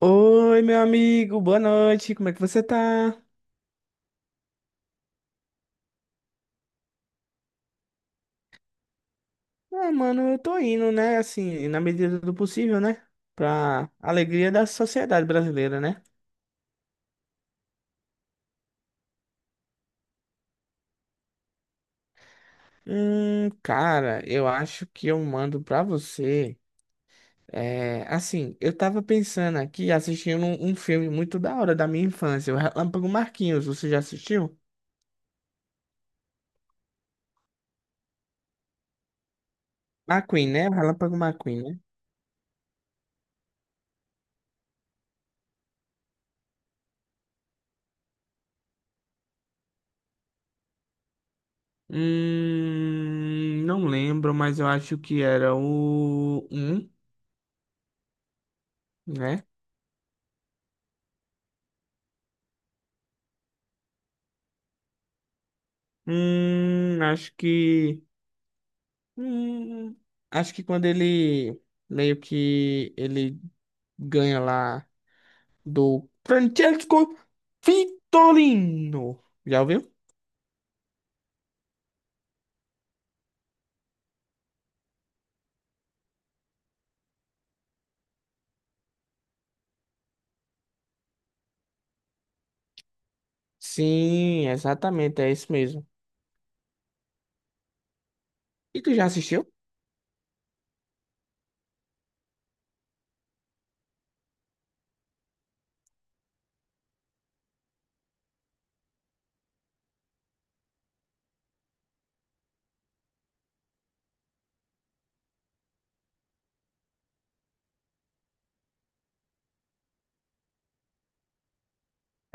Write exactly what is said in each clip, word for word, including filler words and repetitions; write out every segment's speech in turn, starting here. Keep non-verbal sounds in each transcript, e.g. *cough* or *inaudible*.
Oi, meu amigo, boa noite, como é que você tá? Ah, mano, eu tô indo, né, assim, na medida do possível, né, pra alegria da sociedade brasileira, né? Hum, cara, eu acho que eu mando pra você, é, assim, eu tava pensando aqui, assistindo um, um filme muito da hora da minha infância, o Relâmpago Marquinhos, você já assistiu? McQueen, né, o Relâmpago McQueen, né? Hum, não lembro, mas eu acho que era o um, né? Hum, acho que. Hum, acho que quando ele meio que ele ganha lá do Francesco Vitorino. Já ouviu? Sim, exatamente, é isso mesmo. E tu já assistiu?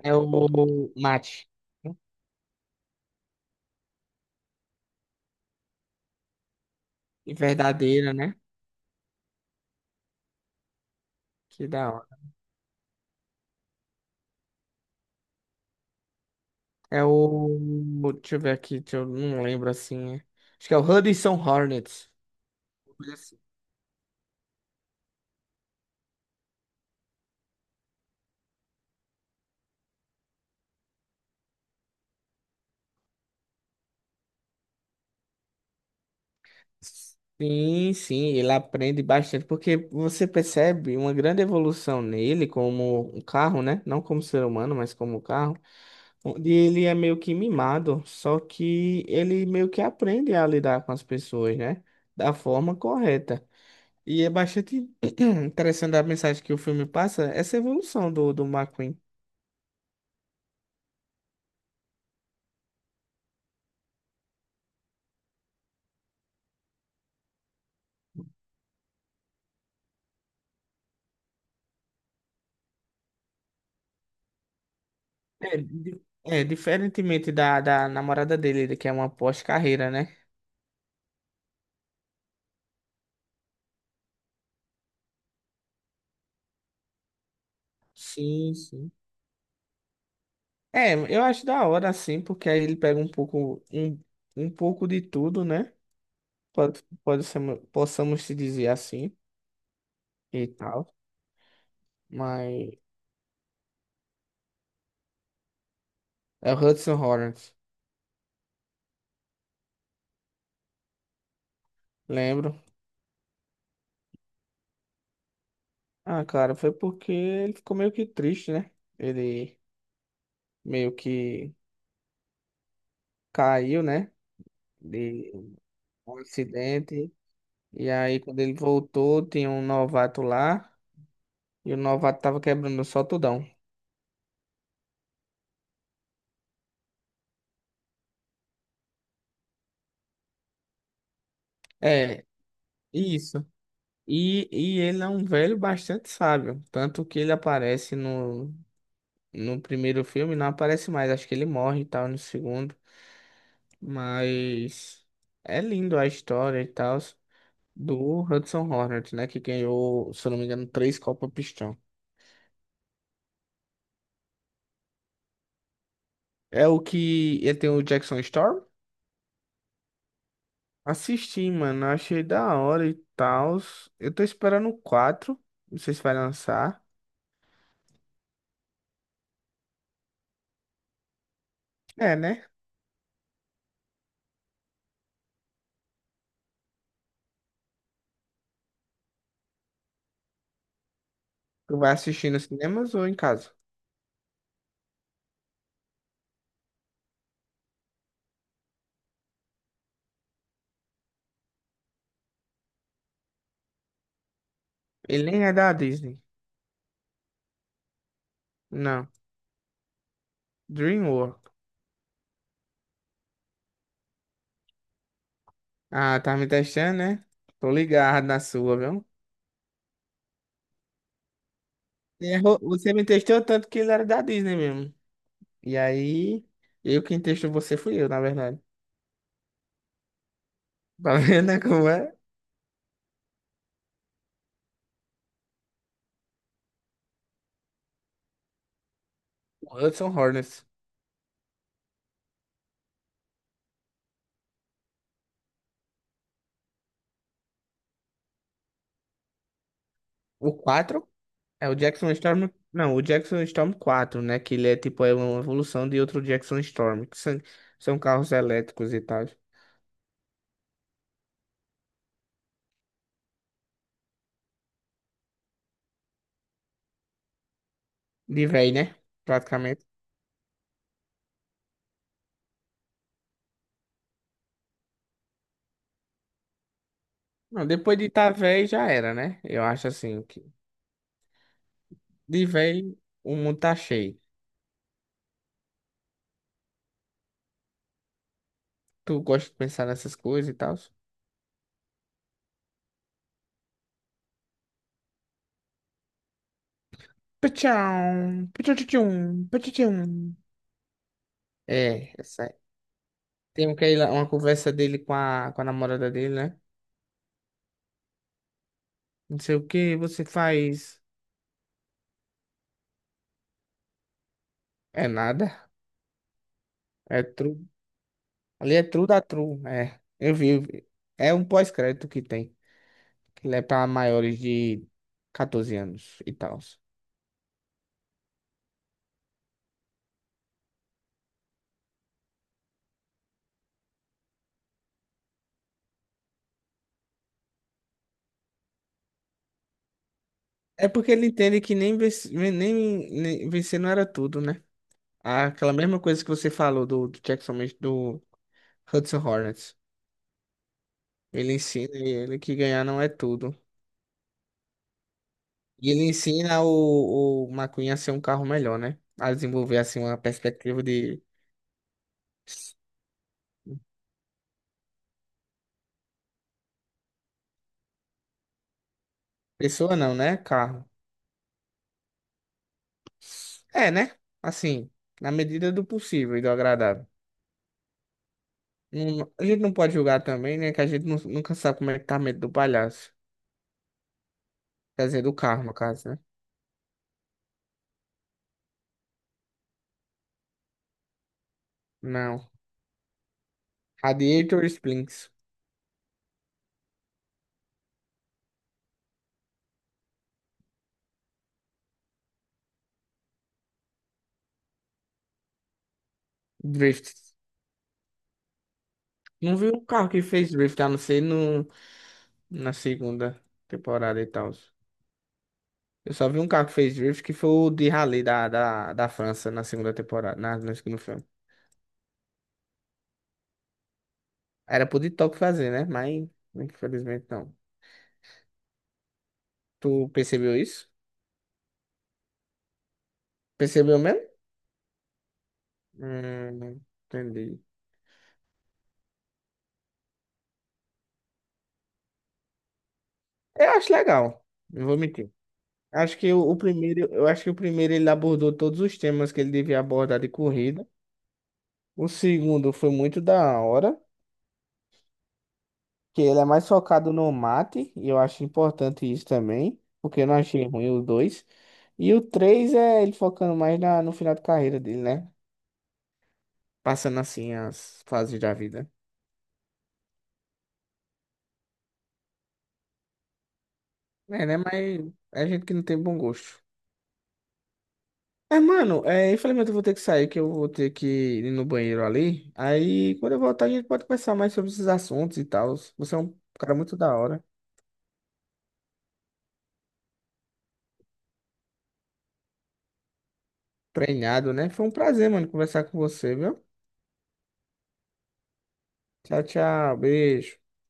É o Mate. E verdadeira, né? Que da hora. É o. Deixa eu ver aqui, deixa eu... não lembro assim. É. Acho que é o Hudson Hornets. Sim, sim, ele aprende bastante, porque você percebe uma grande evolução nele como um carro, né? Não como ser humano, mas como um carro, onde ele é meio que mimado, só que ele meio que aprende a lidar com as pessoas, né? Da forma correta. E é bastante *clears throat* interessante a mensagem que o filme passa, essa evolução do, do McQueen. É, di- é, diferentemente da, da namorada dele, que é uma pós-carreira, né? Sim, sim. É, eu acho da hora assim, porque aí ele pega um pouco um, um pouco de tudo, né? Pode, pode ser, possamos se dizer assim e tal. Mas é o Hudson Hornet, lembro. Ah, cara, foi porque ele ficou meio que triste, né? Ele meio que caiu, né? De um acidente. E aí, quando ele voltou, tinha um novato lá. E o novato tava quebrando o soltão. É, isso. E, e ele é um velho bastante sábio. Tanto que ele aparece no, no primeiro filme, não aparece mais. Acho que ele morre e tal no segundo. Mas é lindo a história e tal do Hudson Hornet, né? Que ganhou, se eu não me engano, três Copa Pistão. É o que ele tem o Jackson Storm? Assisti, mano. Achei da hora e tal. Eu tô esperando o quatro. Não sei se vai lançar. É, né? Tu vai assistir nos cinemas ou em casa? Ele nem é da Disney. Não. Dreamwork. Ah, tá me testando, né? Tô ligado na sua, viu? Errou. Você me testou tanto que ele era da Disney mesmo. E aí, eu quem testou você fui eu, na verdade. *laughs* Tá vendo, né, como é? O Hudson Hornets. O quatro? É o Jackson Storm. Não, o Jackson Storm quatro, né? Que ele é tipo é uma evolução de outro Jackson Storm. Que são, são carros elétricos e tal. De véi, né? Praticamente. Não, depois de tá véi já era, né? Eu acho assim que. De véi, o mundo tá cheio. Tu gosta de pensar nessas coisas e tal? Pachão, pachão, pachão. É, essa é. Tem aquela, uma conversa dele com a, com a namorada dele, né? Não sei o que você faz. É nada. É true. Ali é true da true. É. Eu vi. eu vi. É um pós-crédito que tem. Ele é pra maiores de catorze anos e tal. É porque ele entende que nem, venc- nem, nem vencer não era tudo, né? Aquela mesma coisa que você falou do, do Jackson, do Hudson Hornets. Ele ensina ele que ganhar não é tudo. E ele ensina o, o McQueen a ser um carro melhor, né? A desenvolver, assim, uma perspectiva de... Pessoa não, né? Carro. É, né? Assim, na medida do possível e do agradável. Não- a gente não pode julgar também, né? Que a gente nu- nunca sabe como é que tá a mente do palhaço. Quer dizer, do carro, no caso, né? Não. Radiator Splints. Drift. Não vi um carro que fez drift, a não ser no, na segunda temporada e tal. Eu só vi um carro que fez drift, que foi o de Rally da, da, da França na segunda temporada, na, no segundo filme. Era pro TikTok fazer, né? Mas, infelizmente, não. Tu percebeu isso? Percebeu mesmo? Hum, entendi. Eu acho legal, não vou mentir. Acho que o, o primeiro, eu acho que o primeiro ele abordou todos os temas que ele devia abordar de corrida. O segundo foi muito da hora, que ele é mais focado no mate, e eu acho importante isso também, porque eu não achei ruim os dois. E o três é ele focando mais na, no final de carreira dele, né? Passando assim as fases da vida. É, né? Mas é gente que não tem bom gosto. É, mano, é, infelizmente eu vou ter que sair, que eu vou ter que ir no banheiro ali. Aí quando eu voltar, a gente pode conversar mais sobre esses assuntos e tal. Você é um cara muito da hora, treinado, né? Foi um prazer, mano, conversar com você, viu? Tchau, tchau, beijo.